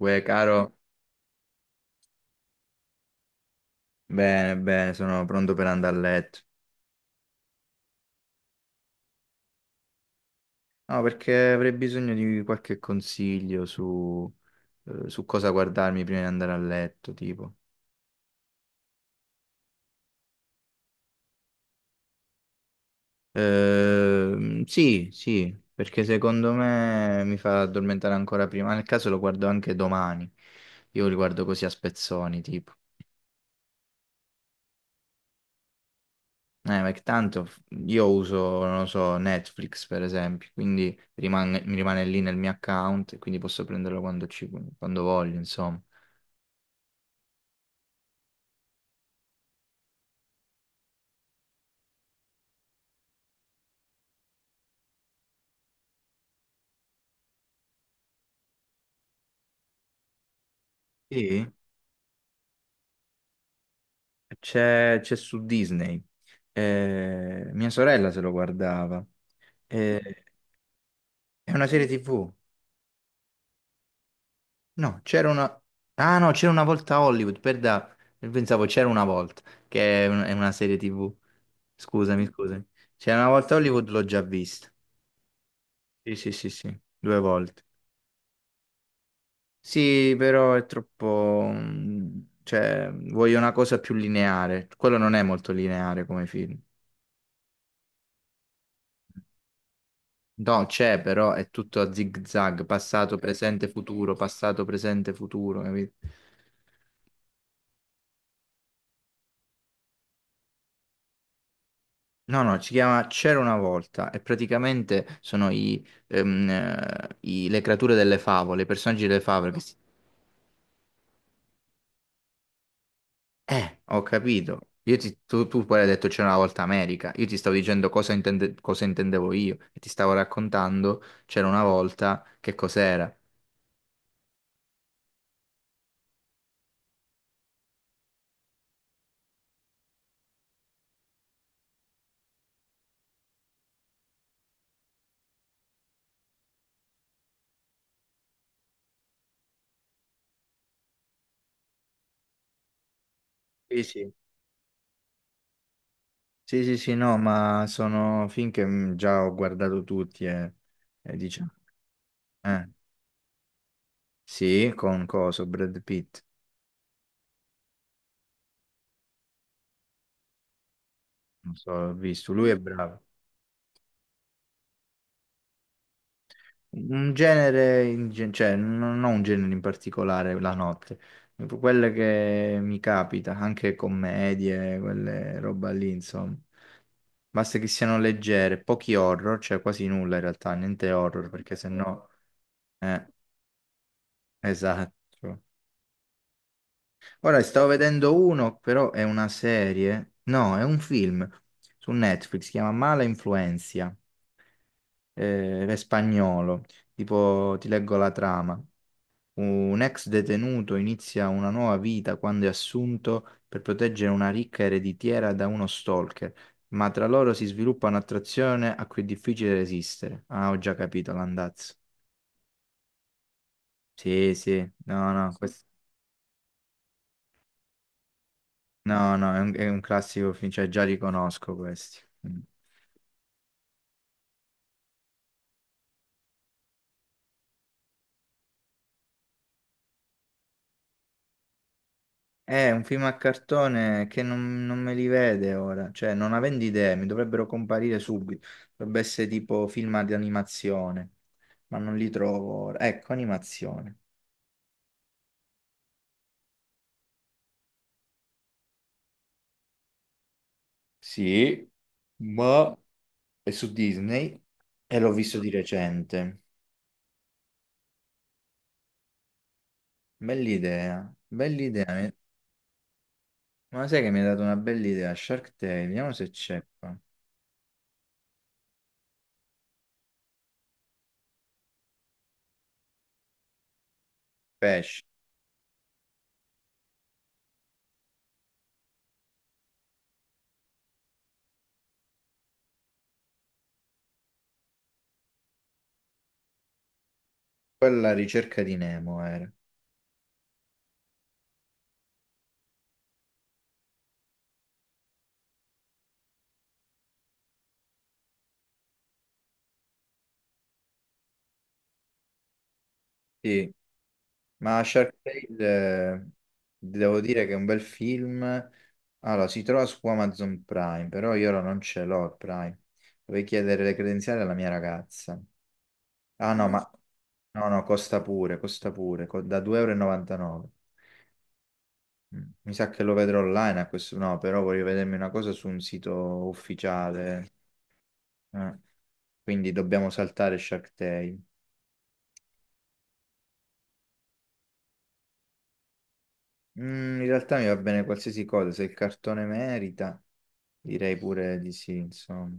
Uè, caro. Bene, bene, sono pronto per andare a letto. No, perché avrei bisogno di qualche consiglio su cosa guardarmi prima di andare a letto, tipo. Sì, sì, perché secondo me mi fa addormentare ancora prima. Nel caso lo guardo anche domani. Io li guardo così a spezzoni, tipo. Eh, ma che tanto f- io uso, non lo so, Netflix per esempio, quindi mi rimane lì nel mio account, e quindi posso prenderlo quando voglio, insomma. Sì, c'è su Disney. Mia sorella se lo guardava. Eh, è una serie TV. No, c'era una. Ah no, c'era una volta a Hollywood, pensavo c'era una volta, che è, è una serie TV. Scusami, scusami. C'era una volta a Hollywood, l'ho già vista. Sì, sì, sì, sì, due volte. Sì, però è troppo, cioè, voglio una cosa più lineare. Quello non è molto lineare come film. No, c'è, però è tutto a zig-zag, passato, presente, futuro, capito? No, no, si chiama C'era una volta e praticamente sono le creature delle favole, i personaggi delle favole che si. Ho capito. Io tu poi hai detto c'era una volta America. Io ti stavo dicendo cosa intendevo io e ti stavo raccontando c'era una volta che cos'era. Sì, sì. Sì, sì, sì, no, ma sono film che già ho guardato tutti e diciamo, eh, sì, con coso, Brad Pitt, non so, ho visto, lui è bravo. Un genere, cioè non ho un genere in particolare la notte, quelle che mi capita, anche commedie, quelle roba lì, insomma. Basta che siano leggere, pochi horror, cioè quasi nulla in realtà, niente horror, perché sennò... Eh, esatto. Ora stavo vedendo uno, però è una serie, no, è un film su Netflix, si chiama Mala Influenza, è spagnolo, tipo ti leggo la trama. Un ex detenuto inizia una nuova vita quando è assunto per proteggere una ricca ereditiera da uno stalker, ma tra loro si sviluppa un'attrazione a cui è difficile resistere. Ah, ho già capito l'andazzo. Sì, sì, no, no, no, no, è un classico film, cioè già riconosco questi. Mm. È un film a cartone che non me li vede ora, cioè non avendo idee, mi dovrebbero comparire subito. Dovrebbe essere tipo film di animazione, ma non li trovo ora. Ecco, animazione. Sì, ma è su Disney e l'ho visto di recente. Bell'idea, bell'idea. Ma sai che mi ha dato una bella idea? Shark Tale, vediamo se c'è qua. Pesce, quella ricerca di Nemo era. Sì, ma Shark Tale, devo dire che è un bel film. Allora, si trova su Amazon Prime, però io ora non ce l'ho il Prime. Dovrei chiedere le credenziali alla mia ragazza. Ah no, non ma so. No, no, costa pure, da 2,99 euro e novantanove. Mi sa che lo vedrò online a questo, no, però voglio vedermi una cosa su un sito ufficiale. eh. Quindi dobbiamo saltare Shark Tale. In realtà mi va bene qualsiasi cosa, se il cartone merita, direi pure di sì, insomma.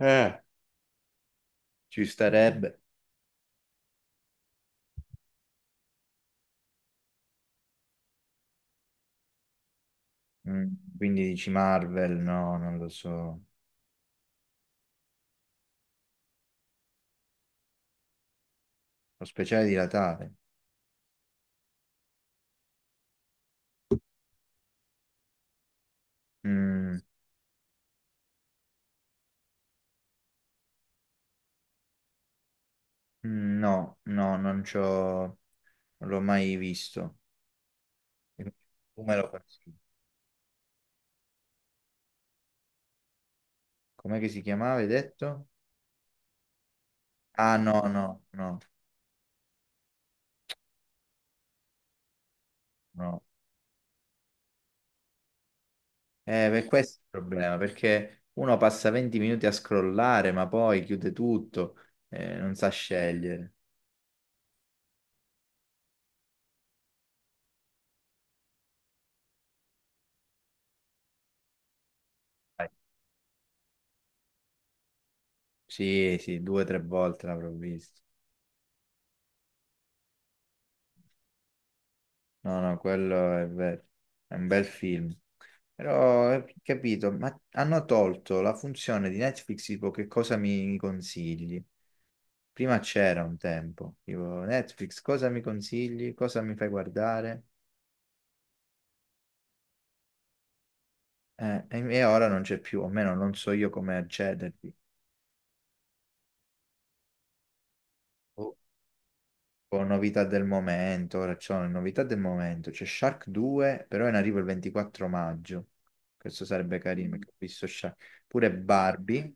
Eh, Ci starebbe. Quindi dici Marvel? No, non lo so. Lo speciale di Natale? Mm, mm, no, no, non c'ho... Non l'ho mai visto. E tu me lo consigli. Com'è che si chiamava, hai detto? Ah, no, no, no, no. Per questo è il problema, perché uno passa 20 minuti a scrollare, ma poi chiude tutto, non sa scegliere. Dai. Sì, sì, due o tre volte l'avrò visto. No, no, quello è vero, è un bel film. Però, capito, ma hanno tolto la funzione di Netflix, tipo che cosa mi consigli? Prima c'era un tempo, tipo Netflix, cosa mi consigli? Cosa mi fai guardare? E ora non c'è più, o almeno non so io come accedervi. Con novità del momento, ora c'ho le novità del momento, c'è Shark 2, però è in arrivo il 24 maggio. Questo sarebbe carino, perché ho visto Shark. Pure Barbie.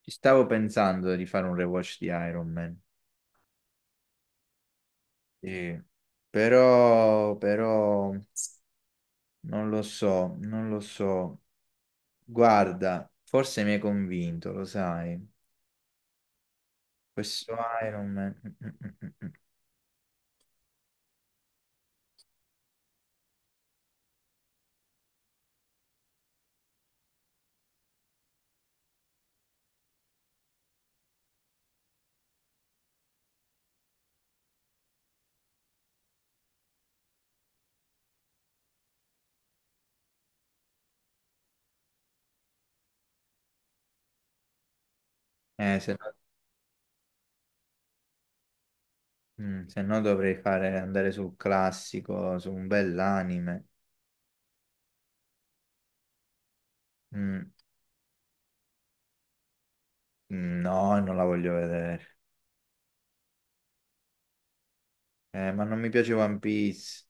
Ci stavo pensando di fare un rewatch di Iron Man. Sì. Però, non lo so, non lo so. Guarda, forse mi hai convinto, lo sai. Questo Iron Man. Mm, mm, mm, mm, mm. Eh, se no, se no, dovrei fare, andare sul classico, su un bell'anime. Mm. No, non la voglio vedere. Ma non mi piace One Piece.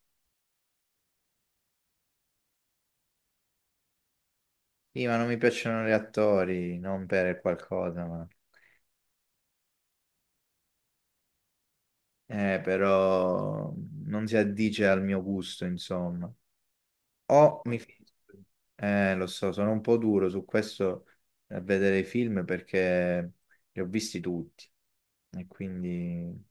Sì, ma non mi piacciono gli attori, non per qualcosa, ma... però non si addice al mio gusto, insomma. O mi... lo so, sono un po' duro su questo a vedere i film perché li ho visti tutti. E quindi,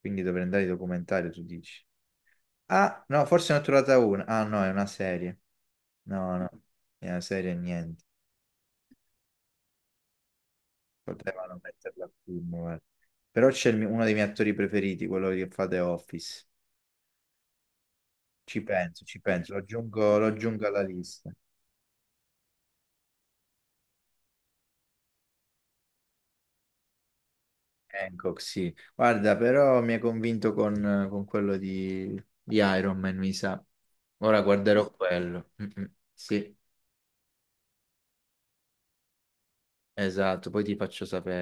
quindi dovrei andare ai documentari, tu dici. Ah, no, forse ne ho trovata una. Ah, no, è una serie. No, no, è una serie e niente. Potevano metterla più. Però c'è il uno dei miei attori preferiti, quello che fa The Office. Ci penso, lo aggiungo alla lista. Hancock, sì. Guarda, però mi ha convinto con quello di Iron Man, mi sa. Ora guarderò quello. Mm, mm. Sì, esatto, poi ti faccio sapere.